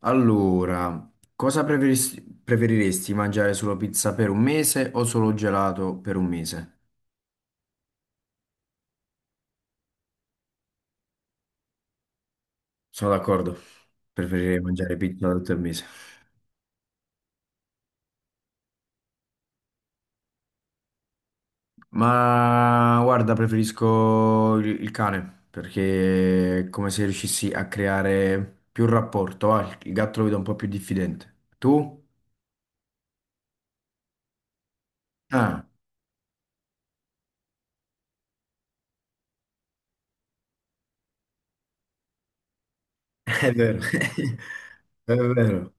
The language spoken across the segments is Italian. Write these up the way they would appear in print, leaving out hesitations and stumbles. Allora, cosa preferiresti mangiare solo pizza per un mese o solo gelato per un mese? Sono d'accordo, preferirei mangiare pizza tutto il mese. Ma guarda, preferisco il cane perché è come se riuscissi a creare più rapporto. Va. Il gatto lo vedo un po' più diffidente. Tu? Ah, è vero, è vero.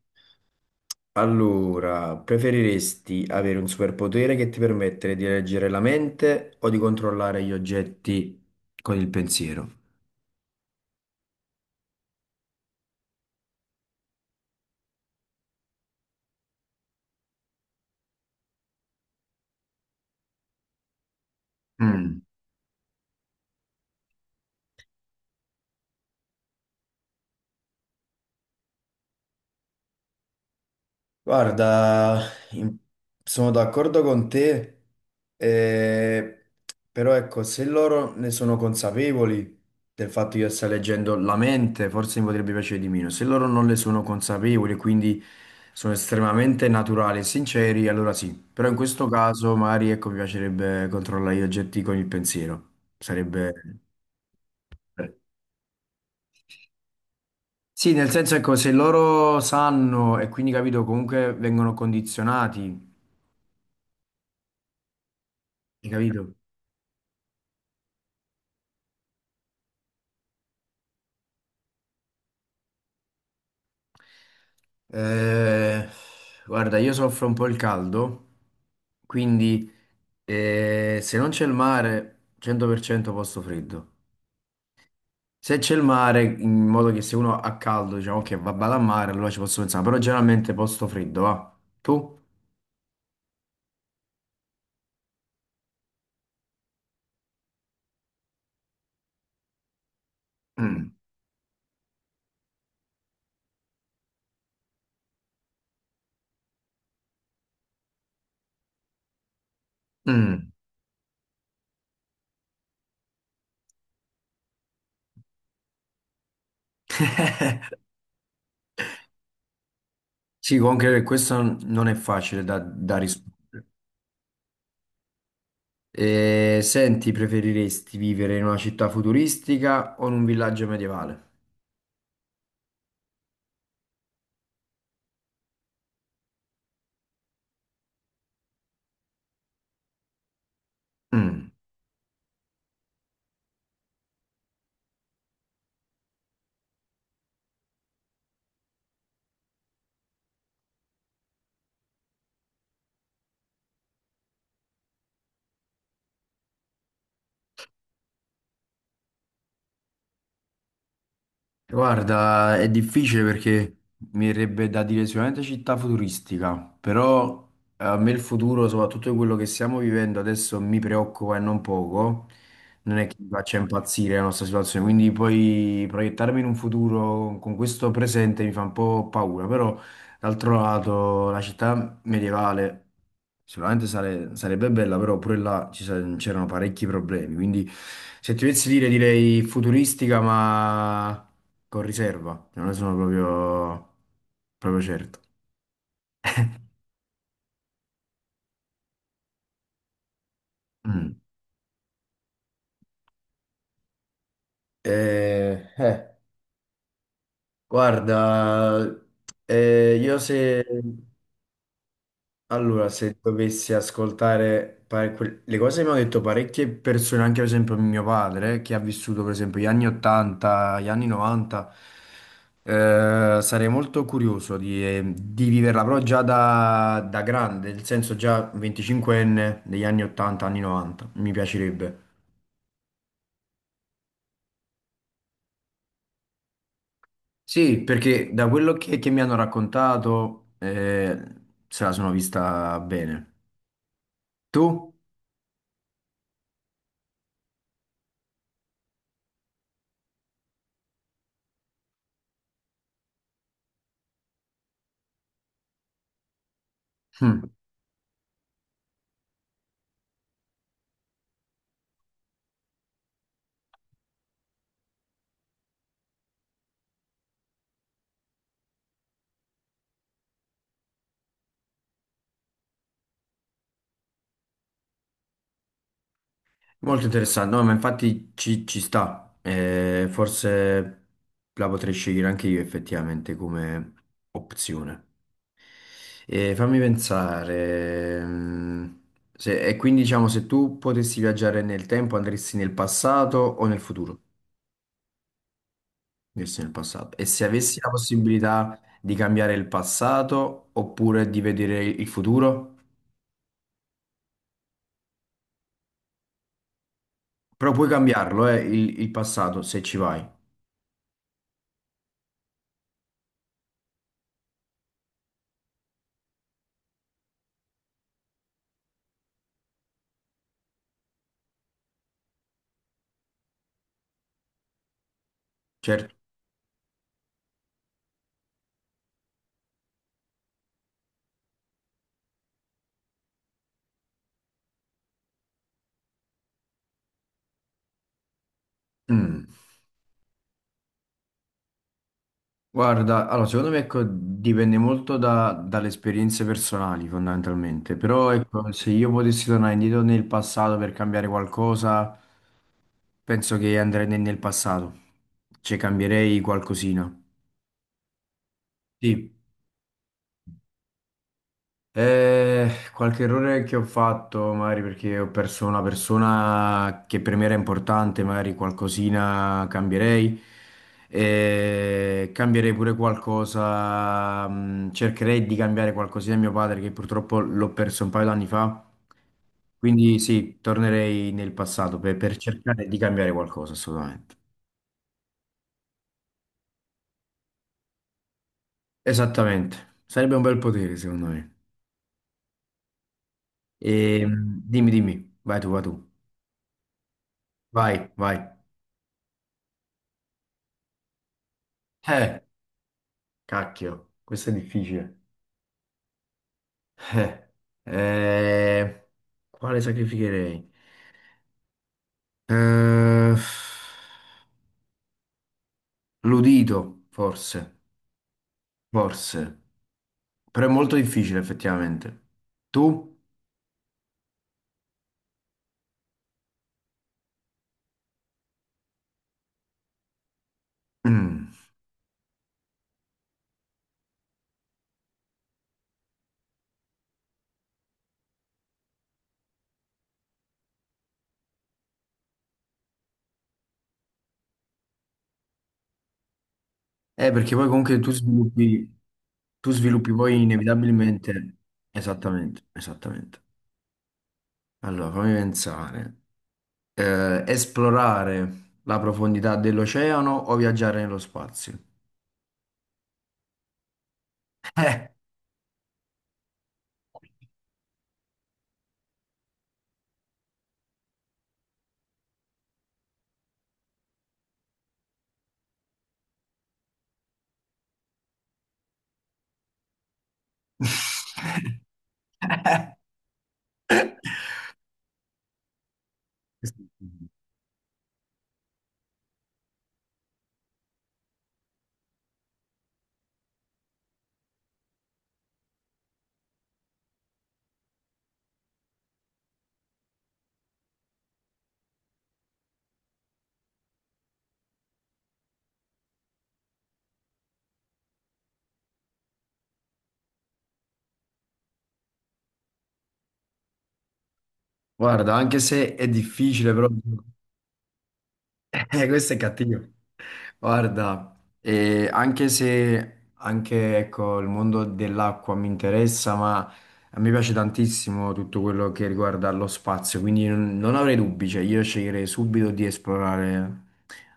Allora, preferiresti avere un superpotere che ti permette di leggere la mente o di controllare gli oggetti con il pensiero? Mm. Guarda, in- sono d'accordo con te, eh, però ecco, se loro ne sono consapevoli del fatto che io stia leggendo la mente, forse mi potrebbe piacere di meno. Se loro non ne sono consapevoli, e quindi sono estremamente naturali e sinceri, allora sì. Però in questo caso magari ecco, mi piacerebbe controllare gli oggetti con il pensiero. Sarebbe. eh, Sì, nel senso ecco, se loro sanno e quindi capito, comunque vengono condizionati, hai capito? Eh, guarda, io soffro un po' il caldo, quindi se non c'è il mare, 100% posto freddo. Se c'è il mare, in modo che se uno ha caldo, diciamo che va vado al mare, allora ci posso pensare, però generalmente posto freddo, va. Tu? Mm. Mm. Sì, comunque questo non è facile da rispondere. Senti, preferiresti vivere in una città futuristica o in un villaggio medievale? Mm. Guarda, è difficile perché mi verrebbe da dire sicuramente città futuristica, però a me il futuro, soprattutto quello che stiamo vivendo adesso, mi preoccupa e non poco. Non è che mi faccia impazzire la nostra situazione, quindi poi proiettarmi in un futuro con questo presente mi fa un po' paura, però d'altro lato la città medievale sicuramente sarebbe bella, però pure là c'erano parecchi problemi, quindi se ti dovessi dire direi futuristica, ma con riserva, cioè non ne sono proprio, proprio certo. Mm. Eh, eh, guarda, io se allora se dovessi ascoltare le cose che mi hanno detto parecchie persone, anche per esempio mio padre, che ha vissuto per esempio gli anni 80, gli anni 90, sarei molto curioso di viverla, però già da grande, nel senso già 25enne degli anni 80, anni 90, mi piacerebbe. Sì, perché da quello che mi hanno raccontato se la sono vista bene. Tu? Mm. Molto interessante, no, ma infatti ci sta. Forse la potrei scegliere anche io effettivamente come opzione. E fammi pensare, e quindi diciamo se tu potessi viaggiare nel tempo andresti nel passato o nel futuro? Verso nel passato. E se avessi la possibilità di cambiare il passato oppure di vedere il futuro? Però puoi cambiarlo, il passato, se ci vai. Certo. Mm. Guarda, allora, secondo me ecco, dipende molto dalle esperienze personali, fondamentalmente. Però ecco, se io potessi tornare indietro nel passato per cambiare qualcosa, penso che andrei nel passato. Cioè, cambierei qualcosina. Sì. Qualche errore che ho fatto, magari perché ho perso una persona che per me era importante, magari qualcosina cambierei. Cambierei pure qualcosa, cercherei di cambiare qualcosina a mio padre che purtroppo l'ho perso un paio d'anni fa. Quindi sì, tornerei nel passato per cercare di cambiare qualcosa, assolutamente. Esattamente, sarebbe un bel potere secondo me. E, dimmi, dimmi, vai tu, vai tu, vai, vai. Eh. Cacchio, questo è difficile. Eh, eh, quale sacrificherei? Eh, l'udito, forse, forse. Però è molto difficile, effettivamente. Tu? Mm. Perché poi comunque tu sviluppi poi inevitabilmente. Esattamente, esattamente. Allora, fammi pensare. Esplorare la profondità dell'oceano o viaggiare nello spazio? Eh. Guarda, anche se è difficile, però questo è cattivo. Guarda, anche se anche ecco, il mondo dell'acqua mi interessa, ma a me piace tantissimo tutto quello che riguarda lo spazio, quindi non avrei dubbi, cioè io sceglierei subito di esplorare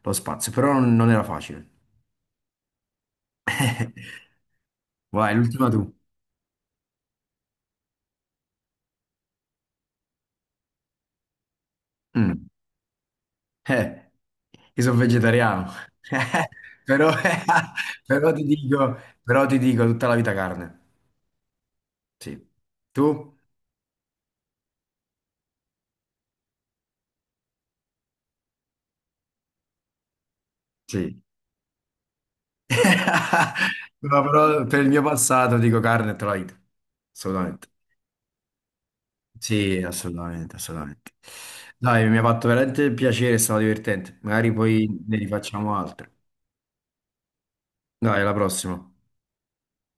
lo spazio, però non era facile. Vai, l'ultima tu. Mm. Eh, io sono vegetariano, Eh, però, però ti dico, però ti dico tutta la vita carne. Sì. Tu? Sì. No, però per il mio passato dico carne e tutta la vita. Assolutamente. Sì, assolutamente, assolutamente. Dai, mi ha fatto veramente piacere, è stato divertente. Magari poi ne rifacciamo altre. Dai, alla prossima.